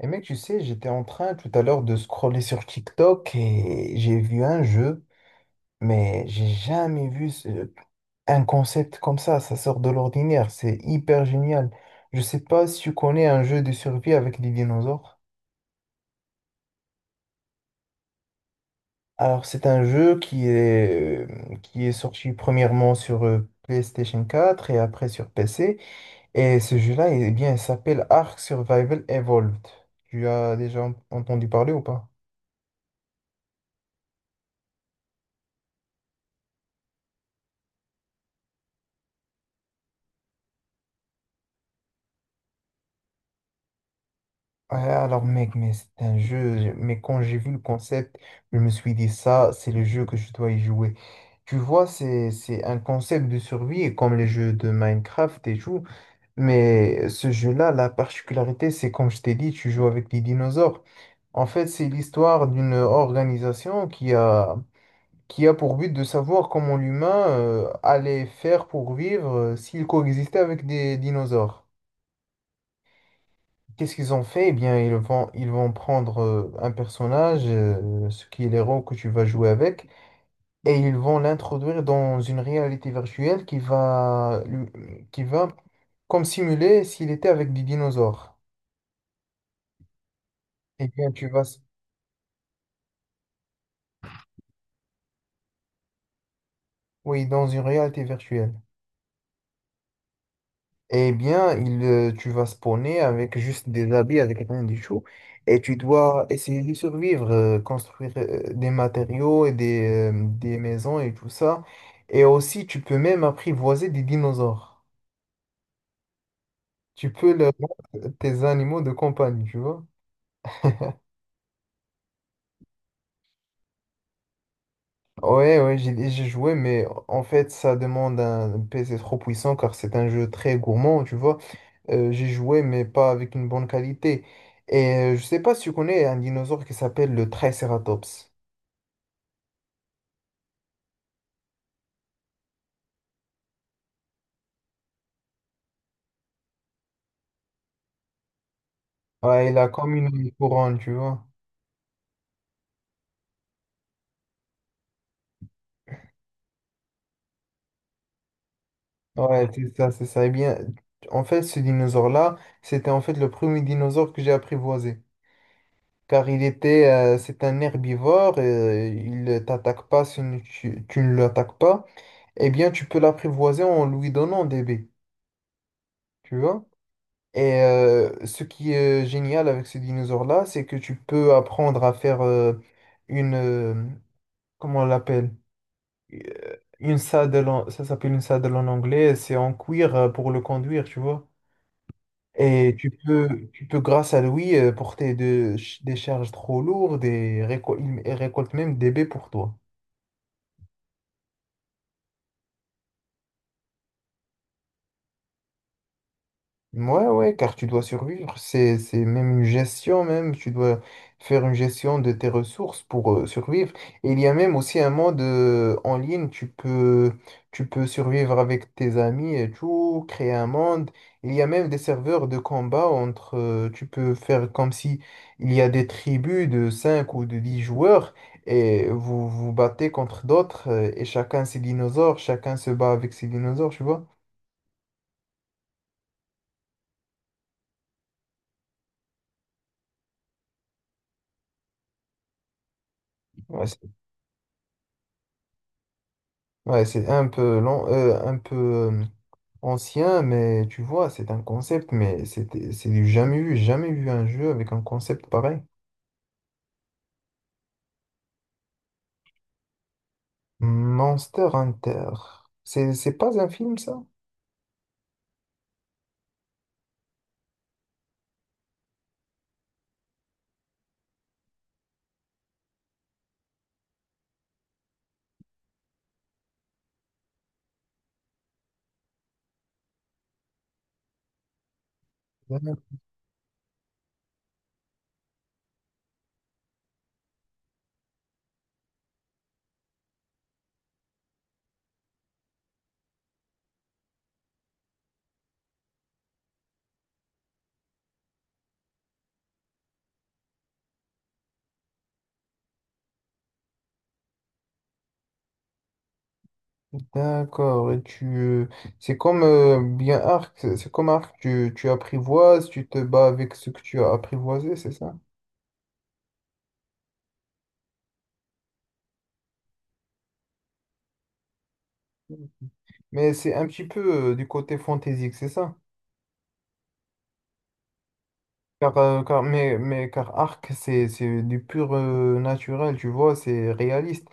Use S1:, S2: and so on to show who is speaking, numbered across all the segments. S1: Et mec, tu sais, j'étais en train tout à l'heure de scroller sur TikTok et j'ai vu un jeu, mais j'ai jamais vu un concept comme ça. Ça sort de l'ordinaire, c'est hyper génial. Je sais pas si tu connais un jeu de survie avec des dinosaures. Alors, c'est un jeu qui est sorti premièrement sur PlayStation quatre et après sur PC. Et ce jeu-là, eh bien, il s'appelle Ark Survival Evolved. Tu as déjà entendu parler ou pas? Ouais, alors mec, mais c'est un jeu, mais quand j'ai vu le concept, je me suis dit ça, c'est le jeu que je dois y jouer. Tu vois, c'est un concept de survie comme les jeux de Minecraft et tout, mais ce jeu-là, la particularité, c'est comme je t'ai dit, tu joues avec des dinosaures. En fait, c'est l'histoire d'une organisation qui a pour but de savoir comment l'humain allait faire pour vivre s'il coexistait avec des dinosaures. Qu'est-ce qu'ils ont fait? Eh bien, ils vont prendre un personnage, ce qui est l'héros que tu vas jouer avec, et ils vont l'introduire dans une réalité virtuelle qui va comme simuler s'il était avec des dinosaures. Eh bien, oui, dans une réalité virtuelle. Eh bien, tu vas spawner avec juste des habits, avec rien du tout. Et tu dois essayer de survivre, construire des matériaux et des maisons et tout ça. Et aussi, tu peux même apprivoiser des dinosaures. Tu peux leur rendre tes animaux de compagnie, tu vois. Ouais, ouais, j'ai joué, mais en fait, ça demande un PC trop puissant car c'est un jeu très gourmand, tu vois. J'ai joué, mais pas avec une bonne qualité. Et je sais pas si tu connais un dinosaure qui s'appelle le Triceratops. Ouais, il a comme une couronne, tu vois. Ouais, c'est ça, c'est ça. Eh bien, en fait, ce dinosaure-là, c'était en fait le premier dinosaure que j'ai apprivoisé. Car il était, c'est un herbivore, il ne t'attaque pas si tu ne l'attaques pas. Eh bien, tu peux l'apprivoiser en lui donnant des baies, tu vois. Et ce qui est génial avec ce dinosaure-là, c'est que tu peux apprendre à faire une comment on l'appelle? Une saddle, ça s'appelle une saddle en anglais, c'est en cuir pour le conduire, tu vois. Et tu peux grâce à lui, des charges trop lourdes et il récolte même des baies pour toi. Ouais, ouais, car tu dois survivre, c'est même une gestion même, tu dois faire une gestion de tes ressources pour survivre. Et il y a même aussi un monde en ligne, tu peux survivre avec tes amis et tout, créer un monde. Il y a même des serveurs de combat entre, tu peux faire comme si il y a des tribus de 5 ou de 10 joueurs et vous vous battez contre d'autres et chacun ses dinosaures, chacun se bat avec ses dinosaures, tu vois. Ouais. Ouais, c'est un peu lent, un peu ancien, mais tu vois, c'est un concept, mais c'est du jamais vu, jamais vu un jeu avec un concept pareil. Monster Hunter. C'est pas un film, ça? D'accord, et tu, c'est comme bien Arc, c'est comme Arc, tu apprivoises, tu te bats avec ce que tu as apprivoisé, c'est ça? Mais c'est un petit peu du côté fantaisique, c'est ça? Mais car Arc, c'est du pur naturel, tu vois, c'est réaliste.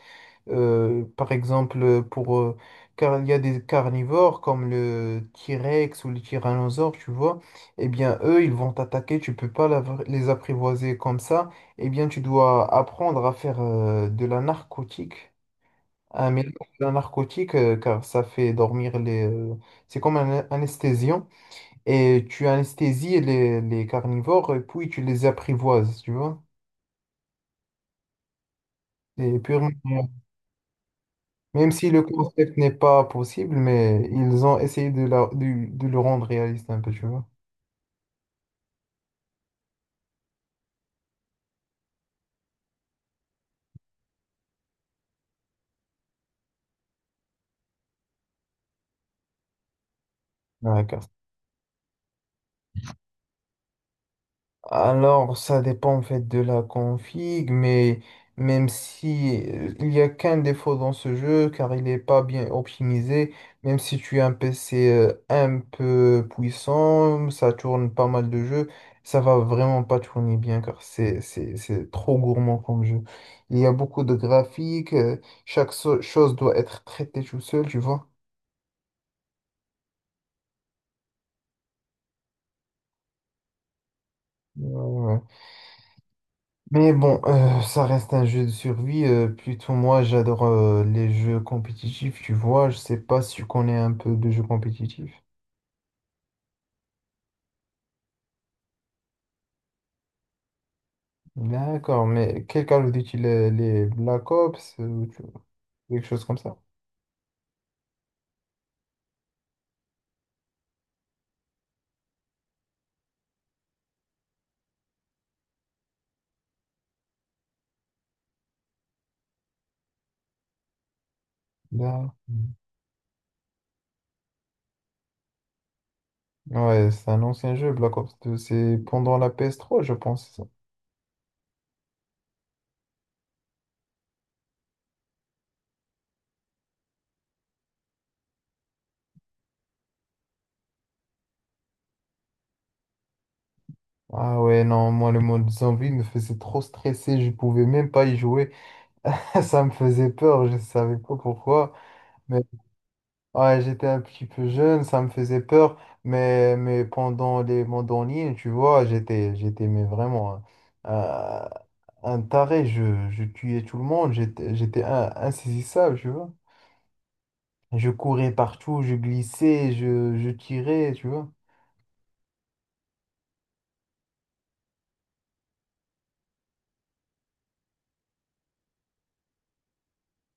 S1: Par exemple, car il y a des carnivores comme le T-Rex ou le Tyrannosaure, tu vois, eh bien, eux, ils vont t'attaquer, tu peux pas les apprivoiser comme ça. Eh bien, tu dois apprendre à faire de la narcotique, un mélange de la narcotique, car ça fait dormir les... c'est comme un anesthésiant et tu anesthésies les carnivores et puis tu les apprivoises, tu vois. C'est purement- Même si le concept n'est pas possible, mais ils ont essayé de, de le rendre réaliste un peu, tu vois. Ouais. Alors, ça dépend en fait de la config, mais même si il y a qu'un défaut dans ce jeu, car il n'est pas bien optimisé, même si tu as un PC un peu puissant, ça tourne pas mal de jeux, ça va vraiment pas tourner bien, car c'est trop gourmand comme jeu. Il y a beaucoup de graphiques, chose doit être traitée tout seul, tu vois. Mais bon, ça reste un jeu de survie. Plutôt moi, j'adore les jeux compétitifs, tu vois. Je sais pas si tu connais un peu de jeux compétitifs. D'accord, mais quel Call of Duty, les Black Ops, quelque chose comme ça. Là. Ouais, c'est un ancien jeu, Black Ops 2. C'est pendant la PS3, je pense. C'est ça. Ah ouais, non, moi, le mode zombie me faisait trop stresser. Je pouvais même pas y jouer. Ça me faisait peur, je savais pas pourquoi. Ouais, j'étais un petit peu jeune, ça me faisait peur, mais pendant les mandolines, tu vois, j'étais mais vraiment un, un- un taré, je tuais tout le monde, j'étais insaisissable, tu vois. Je courais partout, je glissais, je tirais, tu vois.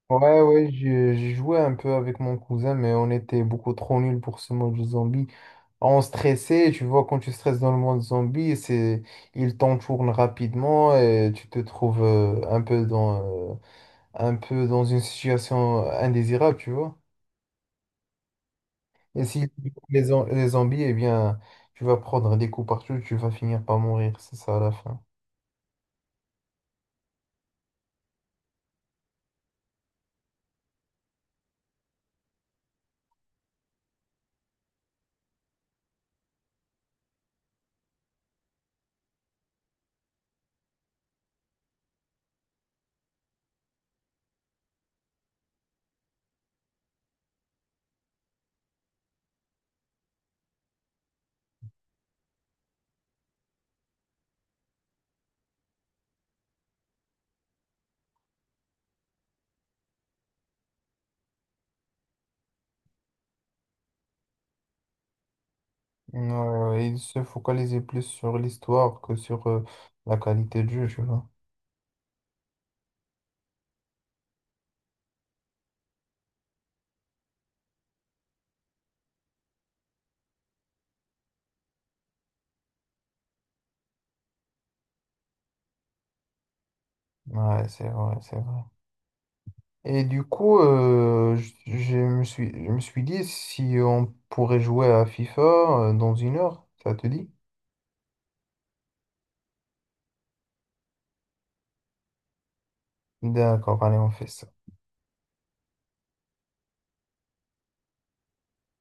S1: Ouais, ouais, j'ai joué un peu avec mon cousin, mais on était beaucoup trop nuls pour ce mode de zombie. On stressait, tu vois, quand tu stresses dans le monde zombie, c'est, il t'entoure rapidement et tu te trouves euh, un peu dans une situation indésirable, tu vois. Et si les zombies, eh bien, tu vas prendre des coups partout, tu vas finir par mourir, c'est ça à la fin. Ouais, il se focalisait plus sur l'histoire que sur la qualité de jeu, tu vois. Ouais, c'est vrai, c'est vrai. Et du coup, je me suis dit si on pourrait jouer à FIFA dans une heure, ça te dit? D'accord, allez, on fait ça.